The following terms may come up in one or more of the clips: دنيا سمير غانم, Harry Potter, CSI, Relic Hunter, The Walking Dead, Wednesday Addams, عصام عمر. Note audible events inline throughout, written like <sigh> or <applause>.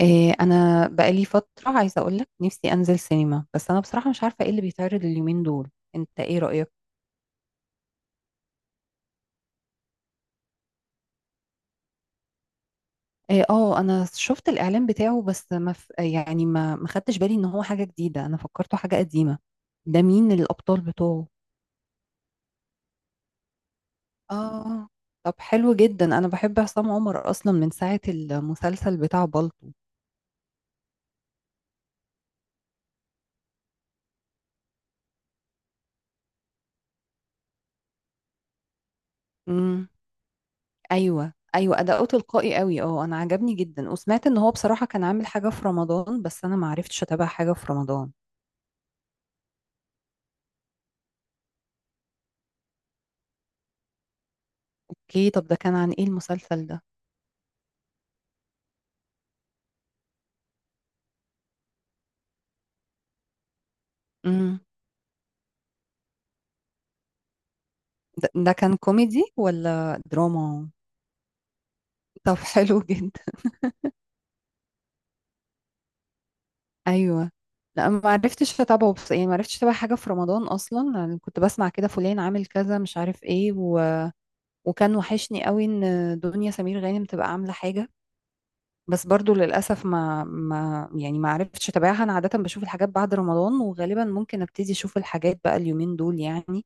إيه، انا بقالي فتره عايزه اقول لك نفسي انزل سينما. بس انا بصراحه مش عارفه ايه اللي بيتعرض اليومين دول. انت ايه رايك؟ إيه، انا شفت الاعلان بتاعه. بس ما ف... يعني ما ما خدتش بالي ان هو حاجه جديده، انا فكرته حاجه قديمه. ده مين الابطال بتوعه؟ اه. طب حلو جدا، انا بحب عصام عمر اصلا من ساعه المسلسل بتاع بالطو. امم. ايوه ايوه، اداؤه تلقائي قوي. اه انا عجبني جدا. وسمعت ان هو بصراحه كان عامل حاجه في رمضان، بس انا ما عرفتش اتابع حاجه في رمضان. اوكي، طب ده كان عن ايه المسلسل ده؟ امم. ده كان كوميدي ولا دراما؟ طب <laughs> حلو جدا. ايوه. لا ما عرفتش اتابعه، بس يعني ما عرفتش اتابع حاجه في رمضان اصلا. يعني كنت بسمع كده فلان عامل كذا مش عارف ايه وكان وحشني قوي ان دنيا سمير غانم تبقى عامله حاجه. بس برضو للاسف ما ما يعني ما عرفتش اتابعها. انا عاده بشوف الحاجات بعد رمضان، وغالبا ممكن ابتدي اشوف الحاجات بقى اليومين دول يعني.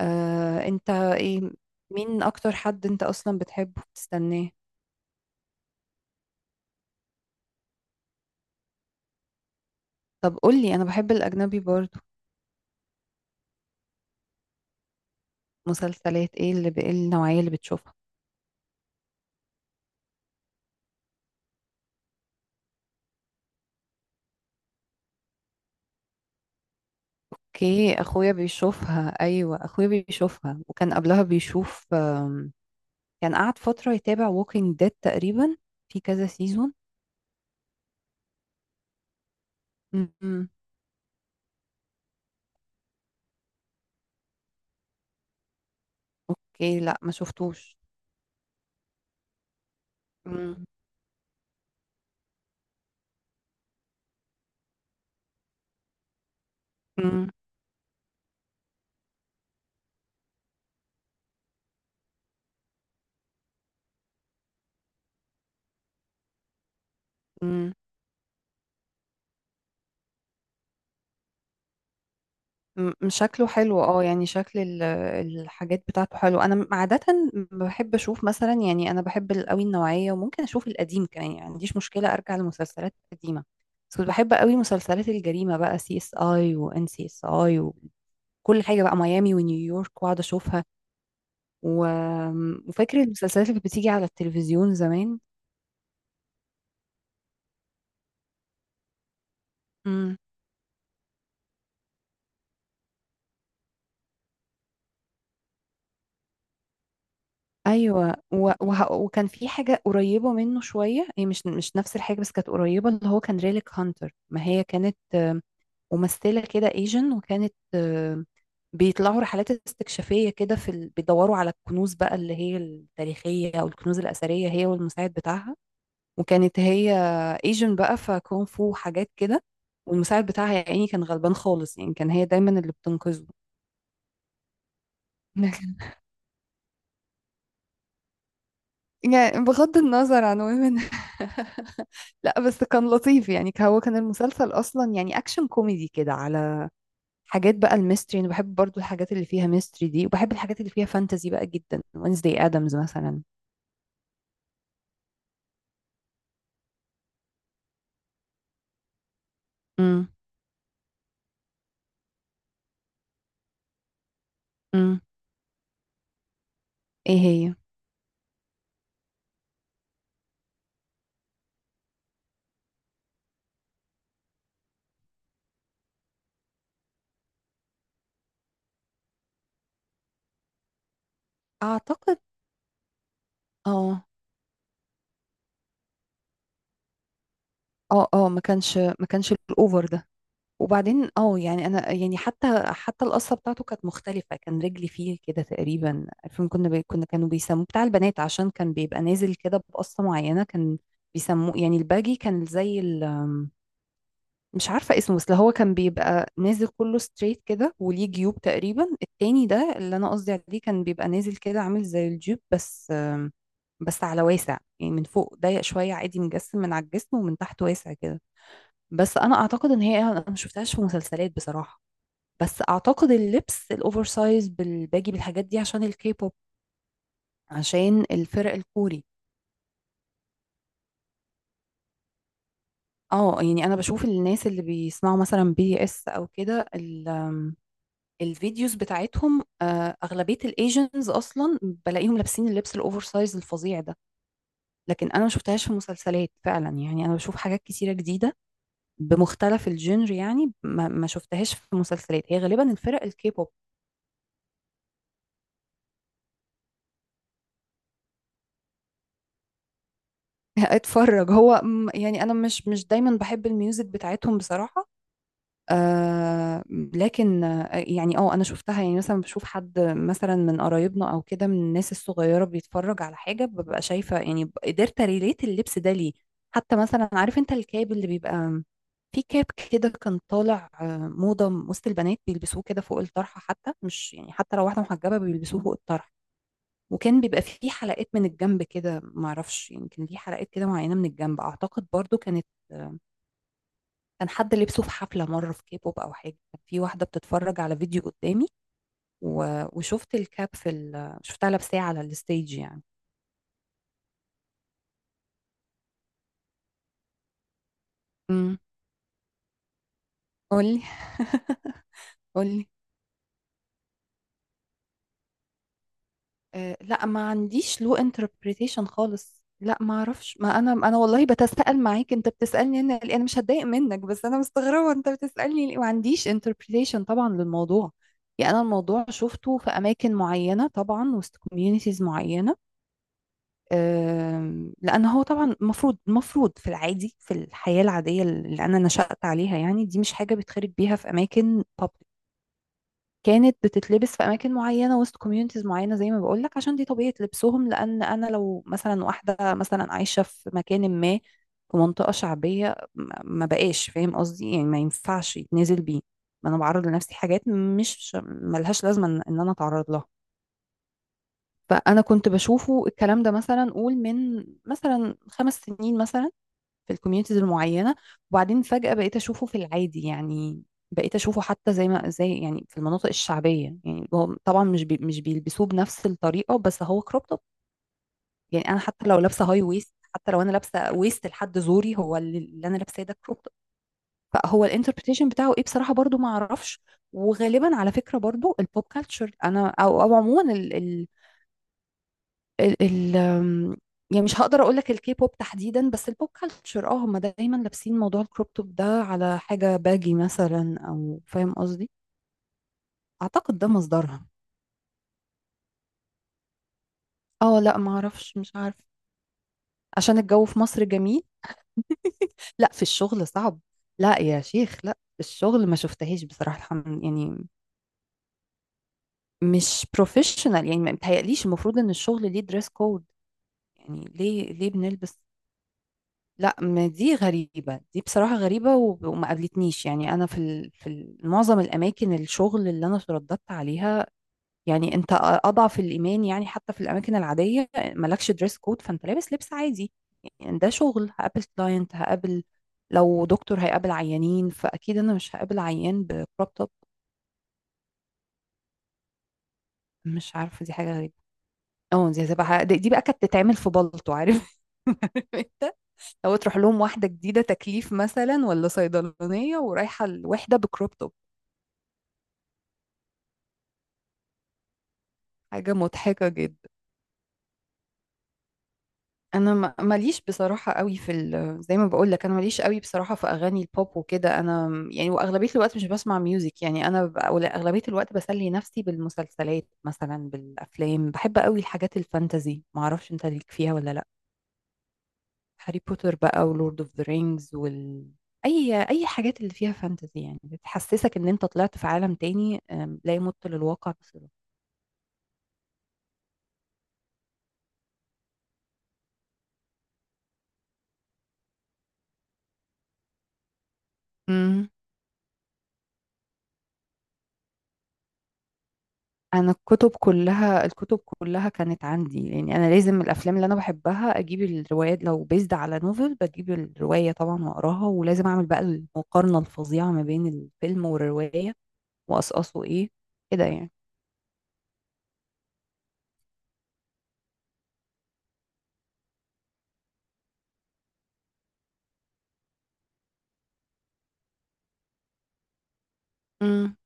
انت ايه، مين اكتر حد انت اصلا بتحبه بتستناه؟ طب قولي، انا بحب الاجنبي برضو. مسلسلات ايه إيه النوعيه اللي بتشوفها؟ اوكي، اخويا بيشوفها. ايوه اخويا بيشوفها، وكان قبلها بيشوف، كان قعد فتره يتابع ووكينج ديد تقريبا في كذا سيزون. اوكي، لا ما شفتوش. مم، مم، مم. شكله حلو. اه يعني شكل الحاجات بتاعته حلو. انا عادة بحب اشوف مثلا، يعني انا بحب قوي النوعية، وممكن اشوف القديم كمان. يعني ما عنديش مشكلة ارجع لمسلسلات قديمة. بس كنت بحب قوي مسلسلات الجريمة بقى، CSI وان CSI، وكل حاجة بقى، ميامي ونيويورك، واقعد اشوفها و... وفاكر المسلسلات اللي كانت بتيجي على التلفزيون زمان. امم. ايوه وكان في حاجه قريبه منه شويه، هي مش نفس الحاجه بس كانت قريبه، اللي هو كان ريليك هانتر. ما هي كانت ممثلة كده ايجن، وكانت بيطلعوا رحلات استكشافية كده بيدوروا على الكنوز بقى اللي هي التاريخية او الكنوز الأثرية، هي والمساعد بتاعها. وكانت هي ايجن بقى، فكونغ فو حاجات كده. والمساعد بتاعها يا عيني كان غلبان خالص، يعني كان هي دايما اللي بتنقذه. <laughs> لكن- يعني بغض النظر عن ومن <laughs> لا بس كان لطيف يعني، هو كان المسلسل اصلا يعني اكشن كوميدي كده على حاجات بقى الميستري. انا بحب برضو الحاجات اللي فيها ميستري دي، وبحب الحاجات اللي فيها فانتزي بقى جدا، وينزداي ادمز مثلا. امم. امم. ايه هي؟ اعتقد. اه. اه ما كانش، ما كانش الاوفر ده. وبعدين اه يعني انا يعني حتى القصه بتاعته كانت مختلفه. كان رجلي فيه كده تقريبا الفيلم، كانوا بيسموه بتاع البنات عشان كان بيبقى نازل كده بقصه معينه. كان بيسموه يعني الباجي، كان زي ال مش عارفة اسمه، بس اللي هو كان بيبقى نازل كله ستريت كده وليه جيوب تقريبا. التاني ده اللي أنا قصدي عليه كان بيبقى نازل كده عامل زي الجيوب، بس بس على واسع يعني، من فوق ضيق شوية عادي مجسم من على الجسم، ومن تحت واسع كده. بس أنا أعتقد إن هي أنا ما شفتهاش في مسلسلات بصراحة. بس أعتقد اللبس الأوفر سايز بالباجي بالحاجات دي عشان الكيبوب، عشان الفرق الكوري. اه يعني أنا بشوف الناس اللي بيسمعوا مثلا بي اس أو كده، الفيديوز بتاعتهم، اغلبيه الايجنز اصلا. بلاقيهم لابسين اللبس الاوفر سايز الفظيع ده. لكن انا ما شفتهاش في مسلسلات فعلا. يعني انا بشوف حاجات كتيره جديده بمختلف الجنر، يعني ما, ما شفتهاش في مسلسلات. هي غالبا الفرق الكيبوب. <laughs> اتفرج. هو يعني انا مش دايما بحب الميوزك بتاعتهم بصراحه. آه لكن، يعني انا شفتها. يعني مثلا بشوف حد مثلا من قرايبنا او كده من الناس الصغيره بيتفرج على حاجه، ببقى شايفه. يعني قدرت ريليت اللبس ده ليه. حتى مثلا عارف انت الكاب اللي بيبقى، في كاب كده كان طالع، موضه وسط البنات بيلبسوه كده فوق الطرحه، حتى مش يعني حتى لو واحده محجبه بيلبسوه فوق الطرحه. وكان بيبقى فيه حلقات من الجنب كده، معرفش يمكن ليه حلقات كده معينه من الجنب. اعتقد برضو كانت، آه، كان حد لبسه في حفلة مرة في كيبوب أو حاجة. كان في واحدة بتتفرج على فيديو قدامي و... وشفت الكاب شفتها لابساه على الستيج يعني. امم. قولي. <laughs> قولي. أه لا، ما عنديش له انتربريتيشن خالص. لا ما اعرفش، ما انا والله بتساءل معاك. انت بتسالني انا ليه؟ انا مش هتضايق منك، بس انا مستغربه انت بتسالني ليه؟ ما عنديش انتربريتيشن طبعا للموضوع. يعني انا الموضوع شفته في اماكن معينه طبعا، وسط كوميونيتيز معينه. لان هو طبعا المفروض في العادي في الحياه العاديه اللي انا نشأت عليها، يعني دي مش حاجه بيتخرج بيها في اماكن public. كانت بتتلبس في اماكن معينه وسط كوميونيتيز معينه زي ما بقول لك، عشان دي طبيعه لبسهم. لان انا لو مثلا واحده مثلا عايشه في مكان ما، في منطقه شعبيه، ما ما بقاش فاهم قصدي. يعني ما ينفعش يتنازل بيه. ما انا بعرض لنفسي حاجات مش ملهاش لازمه إن انا اتعرض لها. فانا كنت بشوفه الكلام ده مثلا قول من مثلا 5 سنين مثلا، في الكوميونيتيز المعينه. وبعدين فجاه بقيت اشوفه في العادي يعني. بقيت اشوفه حتى زي ما زي يعني في المناطق الشعبيه. يعني هو طبعا مش بيلبسوه بنفس الطريقه، بس هو كروب توب. يعني انا حتى لو لابسه هاي ويست، حتى لو انا لابسه ويست لحد زوري، هو اللي انا لابساه ده كروب توب. فهو الانتربريتيشن بتاعه ايه بصراحه برضو ما اعرفش. وغالبا على فكره برضو البوب كالتشر، انا او عموما، ال ال يعني مش هقدر اقول لك الكي بوب تحديدا، بس البوب كلتشر هم دايما لابسين موضوع الكروب توب ده على حاجه باجي مثلا، او فاهم قصدي. اعتقد ده مصدرها. اه لا ما اعرفش، مش عارف. عشان الجو في مصر جميل. لا في الشغل صعب. لا يا شيخ، لا في الشغل ما شفتهاش بصراحه، الحمد يعني. مش بروفيشنال يعني، ما متهيأليش المفروض ان الشغل ليه دريس كود. يعني ليه بنلبس. لا ما دي غريبة، دي بصراحة غريبة. وما قابلتنيش يعني أنا معظم الأماكن الشغل اللي أنا اترددت عليها. يعني أنت أضعف الإيمان يعني، حتى في الأماكن العادية مالكش دريس كود فأنت لابس لبس عادي. يعني ده شغل هقابل كلاينت، هقابل لو دكتور هيقابل عيانين، فأكيد أنا مش هقابل عيان بكروب توب. مش عارفة دي حاجة غريبة. اه دي هتبقى دي بقى كانت تتعمل في بلطو عارف. <laughs> انت لو تروح لهم واحدة جديدة تكليف مثلا ولا صيدلانية ورايحة الوحدة بكروب توب، حاجة مضحكة جدا. انا ماليش بصراحة قوي في ال... زي ما بقول لك انا ماليش قوي بصراحة في اغاني البوب وكده. انا يعني واغلبية الوقت مش بسمع ميوزك. يعني انا أو لا، اغلبية الوقت بسلي نفسي بالمسلسلات مثلا، بالافلام. بحب قوي الحاجات الفانتازي، ما اعرفش انت ليك فيها ولا لا. هاري بوتر بقى، ولورد اوف ذا رينجز، وال اي اي حاجات اللي فيها فانتازي، يعني بتحسسك ان انت طلعت في عالم تاني، لا يمت للواقع. بصراحة انا الكتب كلها، الكتب كلها كانت عندي. يعني انا لازم الافلام اللي انا بحبها اجيب الروايات، لو بيزد على نوفل بجيب الروايه طبعا واقراها، ولازم اعمل بقى المقارنه الفظيعه ما بين الفيلم والروايه واقصاصه ايه كده يعني. امم.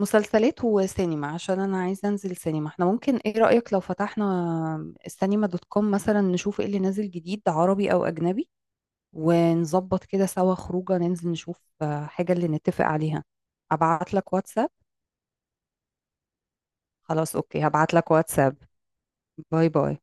مسلسلات وسينما عشان انا عايزه انزل سينما. احنا ممكن ايه رايك لو فتحنا elcinema.com مثلا، نشوف ايه اللي نازل جديد عربي او اجنبي، ونظبط كده سوا خروجه ننزل نشوف، حاجه اللي نتفق عليها. ابعت لك واتساب. خلاص اوكي، هبعت لك واتساب. باي باي.